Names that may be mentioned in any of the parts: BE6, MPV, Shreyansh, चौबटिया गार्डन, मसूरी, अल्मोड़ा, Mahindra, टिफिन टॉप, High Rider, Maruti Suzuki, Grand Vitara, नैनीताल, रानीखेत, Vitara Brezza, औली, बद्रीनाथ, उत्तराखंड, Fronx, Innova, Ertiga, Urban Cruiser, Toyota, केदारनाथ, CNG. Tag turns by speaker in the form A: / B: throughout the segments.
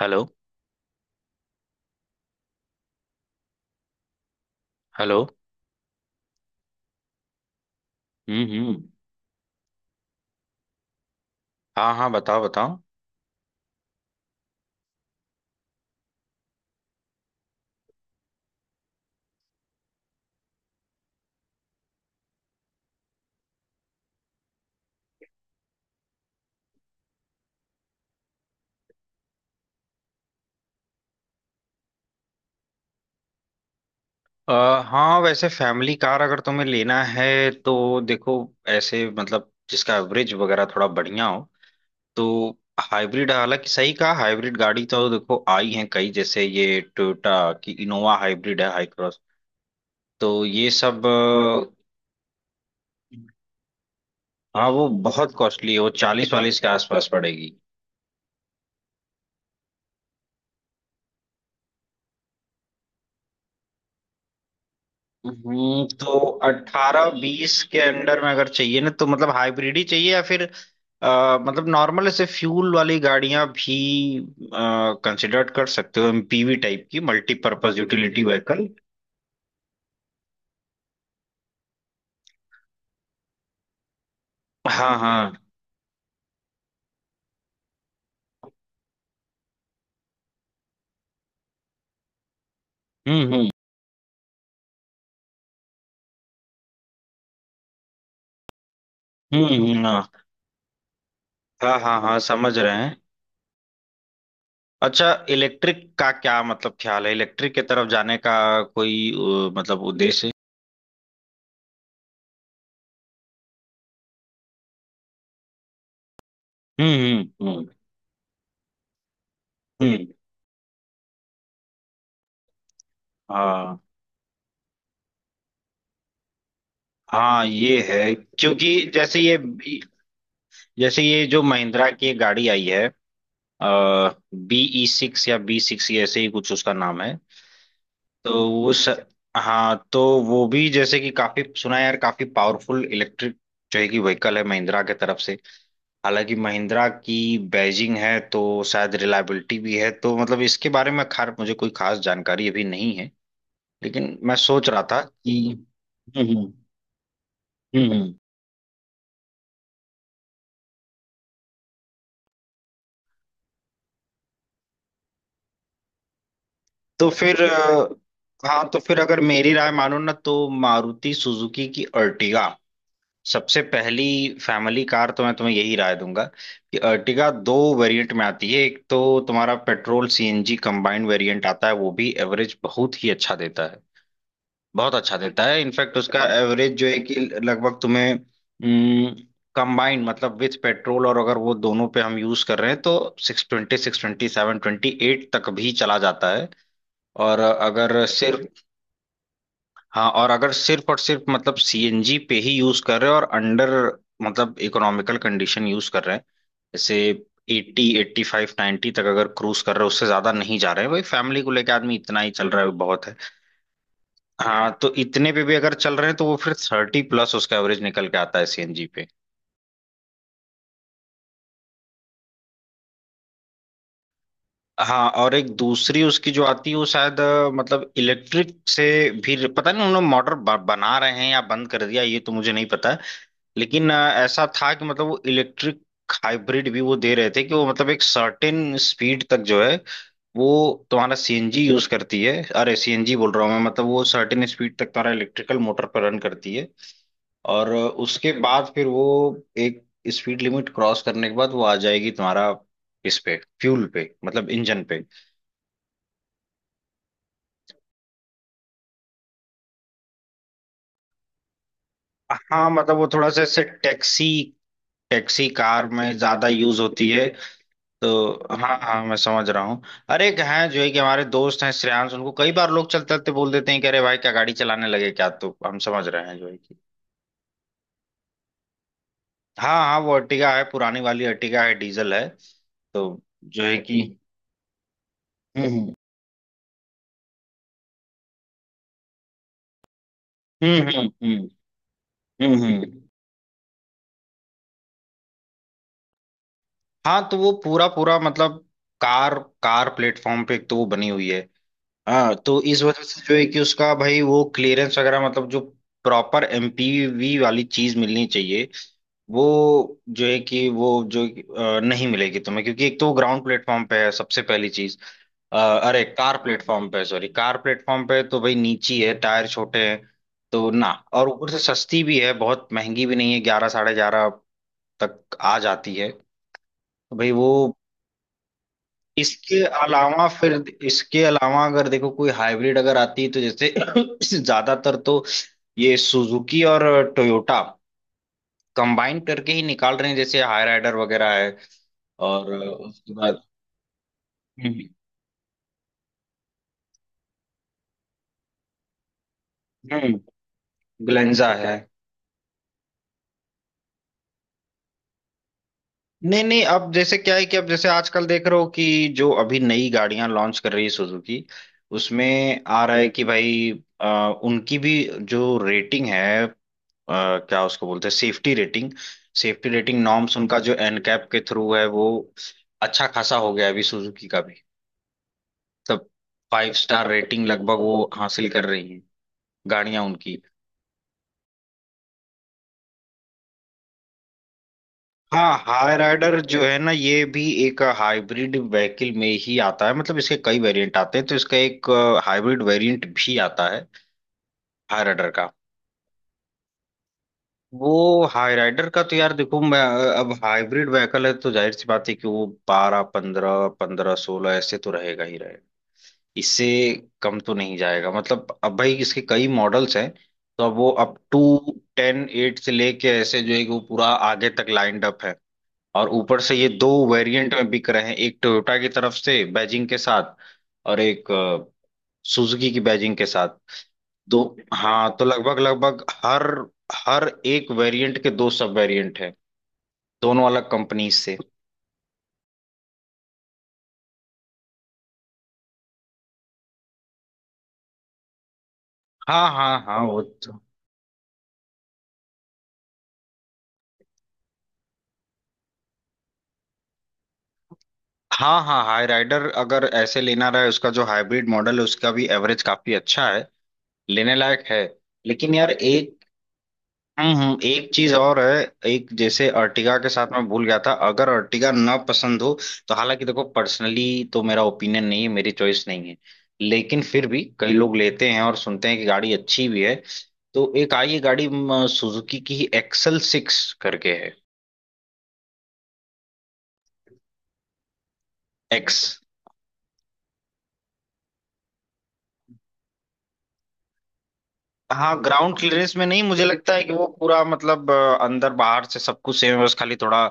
A: Hello. Hello. हम्म। हम्म। हाँ, हाँ, बताओ, बताओ। हाँ, वैसे फैमिली कार अगर तुम्हें लेना है तो देखो, ऐसे मतलब जिसका एवरेज वगैरह थोड़ा बढ़िया हो। तो हाइब्रिड, हालांकि सही कहा, हाइब्रिड गाड़ी तो देखो आई हैं कई, जैसे ये टोयोटा की इनोवा हाइब्रिड है, हाई क्रॉस। तो ये सब हाँ, वो बहुत कॉस्टली है, वो चालीस वालीस के आसपास पड़ेगी। तो 18-20 के अंडर में अगर चाहिए ना तो मतलब हाइब्रिड ही चाहिए या फिर मतलब नॉर्मल ऐसे फ्यूल वाली गाड़ियां भी कंसिडर कर सकते हो, एमपीवी टाइप की, मल्टीपर्पज यूटिलिटी व्हीकल। हाँ, हाँ। हम्म। हम्म। हम्म। हाँ। हाँ, हाँ, हाँ, समझ रहे हैं। अच्छा, इलेक्ट्रिक का क्या मतलब ख्याल है, इलेक्ट्रिक की तरफ जाने का कोई मतलब उद्देश्य है? हम्म। हम्म। हम्म। हम्म, हाँ। हाँ ये है क्योंकि जैसे ये जो महिंद्रा की एक गाड़ी आई है, बीई सिक्स या बी सिक्स ऐसे ही कुछ उसका नाम है। तो वो स... हाँ, तो वो भी जैसे कि काफी सुना है यार, काफी पावरफुल इलेक्ट्रिक जो है कि व्हीकल है महिंद्रा के तरफ से। हालांकि महिंद्रा की बैजिंग है तो शायद रिलायबिलिटी भी है, तो मतलब इसके बारे में खार मुझे कोई खास जानकारी अभी नहीं है, लेकिन मैं सोच रहा था कि हम्म। हम्म। हम्म, तो फिर हाँ, तो फिर अगर मेरी राय मानो ना तो मारुति सुजुकी की अर्टिगा सबसे पहली फैमिली कार तो मैं तुम्हें यही राय दूंगा कि अर्टिगा दो वेरिएंट में आती है। एक तो तुम्हारा पेट्रोल सीएनजी कंबाइंड वेरिएंट आता है, वो भी एवरेज बहुत ही अच्छा देता है, बहुत अच्छा देता है। इनफैक्ट उसका एवरेज जो है कि लगभग तुम्हें कंबाइंड मतलब विथ पेट्रोल, और अगर वो दोनों पे हम यूज कर रहे हैं तो six twenty seven twenty eight तक भी चला जाता है। और अगर सिर्फ हाँ, और अगर सिर्फ मतलब सीएनजी पे ही यूज कर रहे हैं और अंडर मतलब इकोनॉमिकल कंडीशन यूज कर रहे हैं, जैसे 80 एट्टी फाइव नाइन्टी तक अगर क्रूज कर रहे हैं, उससे ज्यादा नहीं जा रहे हैं, भाई फैमिली को लेके आदमी इतना ही चल रहा है बहुत है। हाँ, तो इतने पे भी अगर चल रहे हैं तो वो फिर 30 प्लस उसका एवरेज निकल के आता है सीएनजी पे। हाँ, और एक दूसरी उसकी जो आती है वो शायद मतलब इलेक्ट्रिक से भी पता नहीं, उन्होंने मोटर बना रहे हैं या बंद कर दिया ये तो मुझे नहीं पता। लेकिन ऐसा था कि मतलब वो इलेक्ट्रिक हाइब्रिड भी वो दे रहे थे, कि वो मतलब एक सर्टेन स्पीड तक जो है वो तुम्हारा सीएनजी यूज करती है। अरे सीएनजी बोल रहा हूँ मैं, मतलब वो सर्टेन स्पीड तक तुम्हारा इलेक्ट्रिकल मोटर पर रन करती है। और उसके बाद फिर वो एक स्पीड लिमिट क्रॉस करने के बाद वो आ जाएगी तुम्हारा इस पे फ्यूल पे मतलब इंजन पे। हाँ, मतलब वो थोड़ा सा ऐसे टैक्सी टैक्सी कार में ज्यादा यूज होती है। तो हाँ, हाँ, मैं समझ रहा हूँ। अरे एक हैं जो है कि हमारे दोस्त हैं श्रेयांश, उनको कई बार लोग चलते चलते बोल देते हैं कि अरे भाई क्या गाड़ी चलाने लगे क्या, तो हम समझ रहे हैं जो है कि हाँ, हाँ, वो अर्टिगा है, पुरानी वाली अर्टिगा है, डीजल है। तो जो है कि हम्म। हम्म। हम्म। हम्म। हम्म। हम्म। हम्म। हाँ, तो वो पूरा पूरा मतलब कार कार प्लेटफॉर्म पे एक तो वो बनी हुई है। हाँ, तो इस वजह से जो है कि उसका भाई वो क्लियरेंस वगैरह मतलब जो प्रॉपर एमपीवी वाली चीज मिलनी चाहिए वो जो है कि वो जो नहीं मिलेगी तुम्हें, क्योंकि एक तो वो ग्राउंड प्लेटफॉर्म पे है सबसे पहली चीज। अरे कार प्लेटफॉर्म पे, सॉरी कार प्लेटफॉर्म पे तो भाई नीची है, टायर छोटे हैं तो ना, और ऊपर से सस्ती भी है, बहुत महंगी भी नहीं है, 11, 11.5 तक आ जाती है। तो भाई वो इसके अलावा फिर, इसके अलावा अगर देखो कोई हाइब्रिड अगर आती है तो जैसे ज्यादातर तो ये सुजुकी और टोयोटा कंबाइन करके ही निकाल रहे हैं, जैसे हाई राइडर वगैरह। और उसके बाद हम्म। हम्म। ग्लेंजा है। नहीं, नहीं, अब जैसे क्या है कि अब जैसे आजकल देख रहे हो कि जो अभी नई गाड़ियां लॉन्च कर रही है सुजुकी, उसमें आ रहा है कि भाई अ, उनकी भी जो रेटिंग है, क्या उसको बोलते हैं safety rating, safety rating norms उनका जो एनकैप के थ्रू है वो अच्छा खासा हो गया है अभी सुजुकी का भी। मतलब फाइव स्टार रेटिंग लगभग वो हासिल कर रही है गाड़ियां उनकी। हाँ, हाई राइडर जो है ना, ये भी एक हाइब्रिड व्हीकल में ही आता है, मतलब इसके कई वेरिएंट आते हैं, तो इसका एक हाइब्रिड वेरिएंट भी आता है हाई राइडर का। वो हाई राइडर का तो यार देखो मैं अब हाइब्रिड व्हीकल है तो जाहिर सी बात है कि वो 12, 15, 15, 16 ऐसे तो रहेगा ही रहेगा, इससे कम तो नहीं जाएगा। मतलब अब भाई इसके कई मॉडल्स हैं, तो अब वो अप टू टेन एट से लेके ऐसे जो है कि वो पूरा आगे तक लाइंड अप है। और ऊपर से ये दो वेरिएंट में बिक रहे हैं, एक टोयोटा की तरफ से बैजिंग के साथ और एक सुजुकी की बैजिंग के साथ। दो, हाँ, तो लगभग लगभग हर हर एक वेरिएंट के दो सब वेरिएंट हैं, दोनों अलग कंपनी से। हाँ, हाँ, हाँ, वो तो हाँ, हाँ, हाई राइडर अगर ऐसे लेना रहे, उसका जो हाइब्रिड मॉडल है उसका भी एवरेज काफी अच्छा है, लेने लायक है। लेकिन यार एक हम्म, एक चीज और है। एक जैसे अर्टिगा के साथ मैं भूल गया था, अगर अर्टिगा ना पसंद हो तो, हालांकि देखो पर्सनली तो मेरा ओपिनियन नहीं है, मेरी चॉइस नहीं है, लेकिन फिर भी कई लोग लेते हैं और सुनते हैं कि गाड़ी अच्छी भी है, तो एक आई है गाड़ी, सुजुकी की ही, एक्सल सिक्स करके है। एक्स हाँ, ग्राउंड क्लियरेंस में नहीं, मुझे लगता है कि वो पूरा मतलब अंदर बाहर से सब कुछ सेम है, बस खाली थोड़ा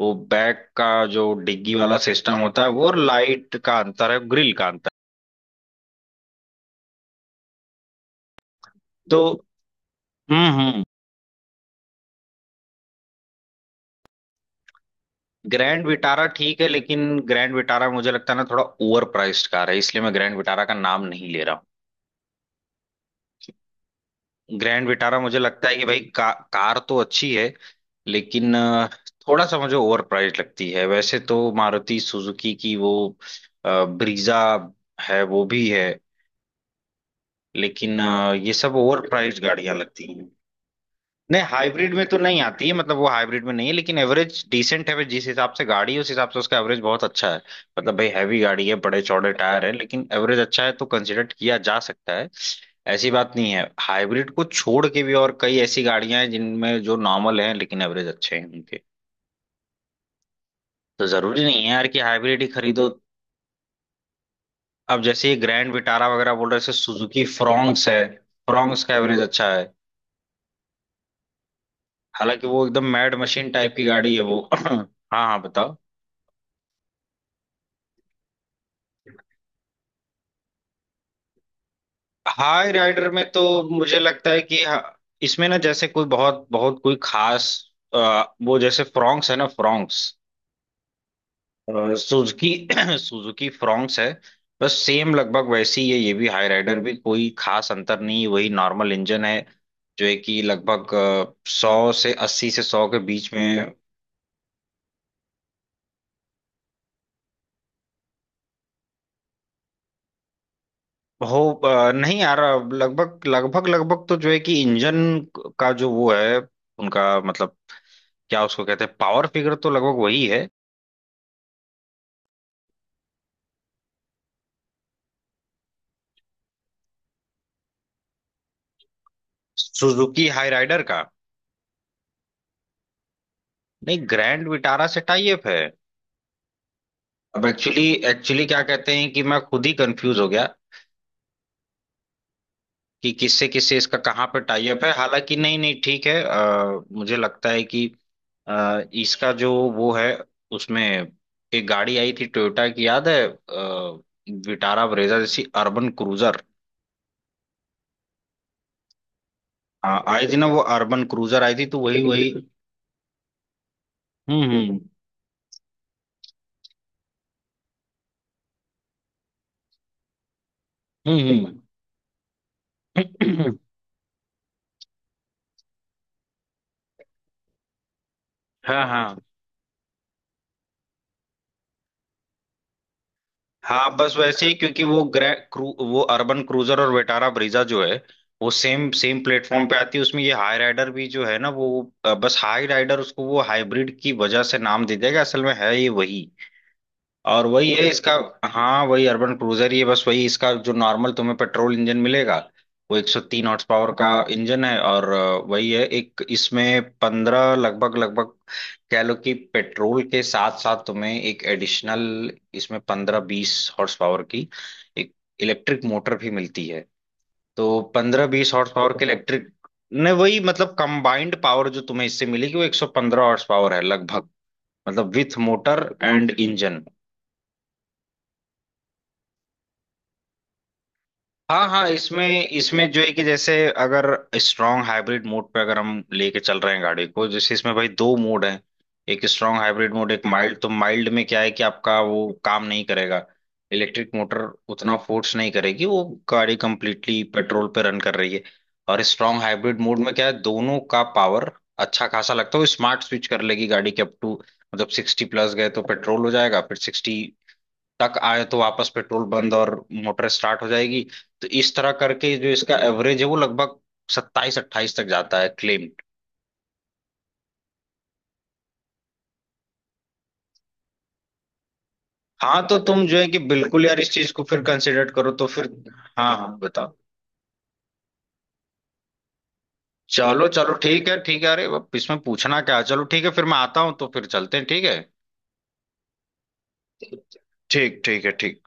A: वो बैक का जो डिग्गी वाला सिस्टम होता है वो, और लाइट का अंतर है, ग्रिल का अंतर। हम्म। हम्म। ग्रैंड विटारा ठीक है, लेकिन ग्रैंड विटारा मुझे लगता है ना थोड़ा ओवर प्राइस्ड कार है, इसलिए मैं ग्रैंड विटारा का नाम नहीं ले रहा हूँ। ग्रैंड विटारा मुझे लगता है कि भाई कार तो अच्छी है, लेकिन थोड़ा सा मुझे ओवर प्राइस्ड लगती है। वैसे तो मारुति सुजुकी की वो ब्रीजा है वो भी है, लेकिन ये सब ओवर प्राइस्ड गाड़ियां लगती हैं। नहीं, हाइब्रिड में तो नहीं आती है, मतलब वो हाइब्रिड में नहीं है, लेकिन एवरेज डिसेंट है, जिस हिसाब से गाड़ी है उस हिसाब से उसका एवरेज बहुत अच्छा है। मतलब भाई हैवी गाड़ी है, बड़े चौड़े टायर है, लेकिन एवरेज अच्छा है, तो कंसिडर किया जा सकता है। ऐसी बात नहीं है, हाइब्रिड को छोड़ के भी और कई ऐसी गाड़ियां हैं जिनमें जो नॉर्मल हैं लेकिन एवरेज अच्छे हैं उनके, तो जरूरी नहीं है यार कि हाइब्रिड ही खरीदो। अब जैसे ये ग्रैंड विटारा वगैरह बोल रहे थे, सुजुकी फ्रॉन्क्स है, फ्रॉन्क्स का एवरेज अच्छा है। हालांकि वो एकदम मैड मशीन टाइप की गाड़ी है वो। हाँ, हाँ, बताओ। हाई राइडर में तो मुझे लगता है कि हाँ, इसमें ना जैसे कोई बहुत बहुत कोई खास वो जैसे फ्रॉन्क्स है ना, फ्रॉन्क्स सुजुकी सुजुकी फ्रॉन्क्स है, बस सेम लगभग वैसी ही है ये भी, हाई राइडर भी कोई खास अंतर नहीं है, वही नॉर्मल इंजन है जो है कि लगभग सौ से, अस्सी से सौ के बीच में हो। नहीं यार, अब लगभग लगभग लगभग तो जो है कि इंजन का जो वो है उनका मतलब, क्या उसको कहते हैं पावर फिगर, तो लगभग वही है। सुजुकी हाई राइडर का, नहीं, ग्रैंड विटारा से टाइप है। अब एक्चुअली एक्चुअली क्या कहते हैं कि मैं खुद ही कंफ्यूज हो गया कि किससे किससे इसका कहाँ पे टाइप है। हालांकि नहीं, नहीं, ठीक है, मुझे लगता है कि इसका जो वो है उसमें एक गाड़ी आई थी टोयोटा की, याद है विटारा ब्रेजा जैसी, अर्बन क्रूजर। हाँ, आई थी ना वो अर्बन क्रूजर आई थी, तो वही वही। हम्म। हम्म। हम्म। हम्म। हाँ, हाँ, हाँ, बस वैसे ही, क्योंकि वो ग्रे क्रू वो अर्बन क्रूजर और वेटारा ब्रीजा जो है वो सेम सेम प्लेटफॉर्म पे आती है, उसमें ये हाई राइडर भी जो है ना वो बस हाई राइडर उसको वो हाइब्रिड की वजह से नाम दे देगा, असल में है ये वही, और वही है इसका। हाँ, वही अर्बन क्रूजर ही है, बस वही, इसका जो नॉर्मल तुम्हें पेट्रोल इंजन मिलेगा वो 103 हॉर्स पावर का इंजन है। और वही है, एक इसमें पंद्रह लगभग लगभग कह लो कि पेट्रोल के साथ साथ तुम्हें एक एडिशनल इसमें 15-20 हॉर्स पावर की एक इलेक्ट्रिक मोटर भी मिलती है। तो 15-20 हॉर्स पावर के इलेक्ट्रिक ने वही मतलब कंबाइंड पावर जो तुम्हें इससे मिलेगी वो 115 हॉर्स पावर है लगभग। मतलब विथ मोटर एंड इंजन। हाँ, हाँ, इसमें इसमें जो है कि जैसे अगर स्ट्रांग हाइब्रिड मोड पे अगर हम लेके चल रहे हैं गाड़ी को, जैसे इसमें भाई दो मोड हैं, एक स्ट्रांग हाइब्रिड मोड एक माइल्ड। तो माइल्ड में क्या है कि आपका वो काम नहीं करेगा इलेक्ट्रिक मोटर, उतना फोर्स नहीं करेगी, वो गाड़ी कंप्लीटली पेट्रोल पे रन कर रही है। और स्ट्रांग हाइब्रिड मोड में क्या है, दोनों का पावर अच्छा खासा लगता है, वो स्मार्ट स्विच कर लेगी गाड़ी के। अप टू मतलब 60 प्लस गए तो पेट्रोल हो जाएगा, फिर 60 तक आए तो वापस पेट्रोल बंद और मोटर स्टार्ट हो जाएगी। तो इस तरह करके जो इसका एवरेज है वो लगभग 27-28 तक जाता है, क्लेम। हाँ, तो तुम जो है कि बिल्कुल यार, इस चीज को फिर कंसिडर करो तो फिर हाँ, हाँ, बताओ। चलो, चलो, ठीक है, ठीक है, अरे अब इसमें पूछना क्या है? चलो ठीक है, फिर मैं आता हूँ तो फिर चलते हैं, ठीक है। ठीक, ठीक है, ठीक।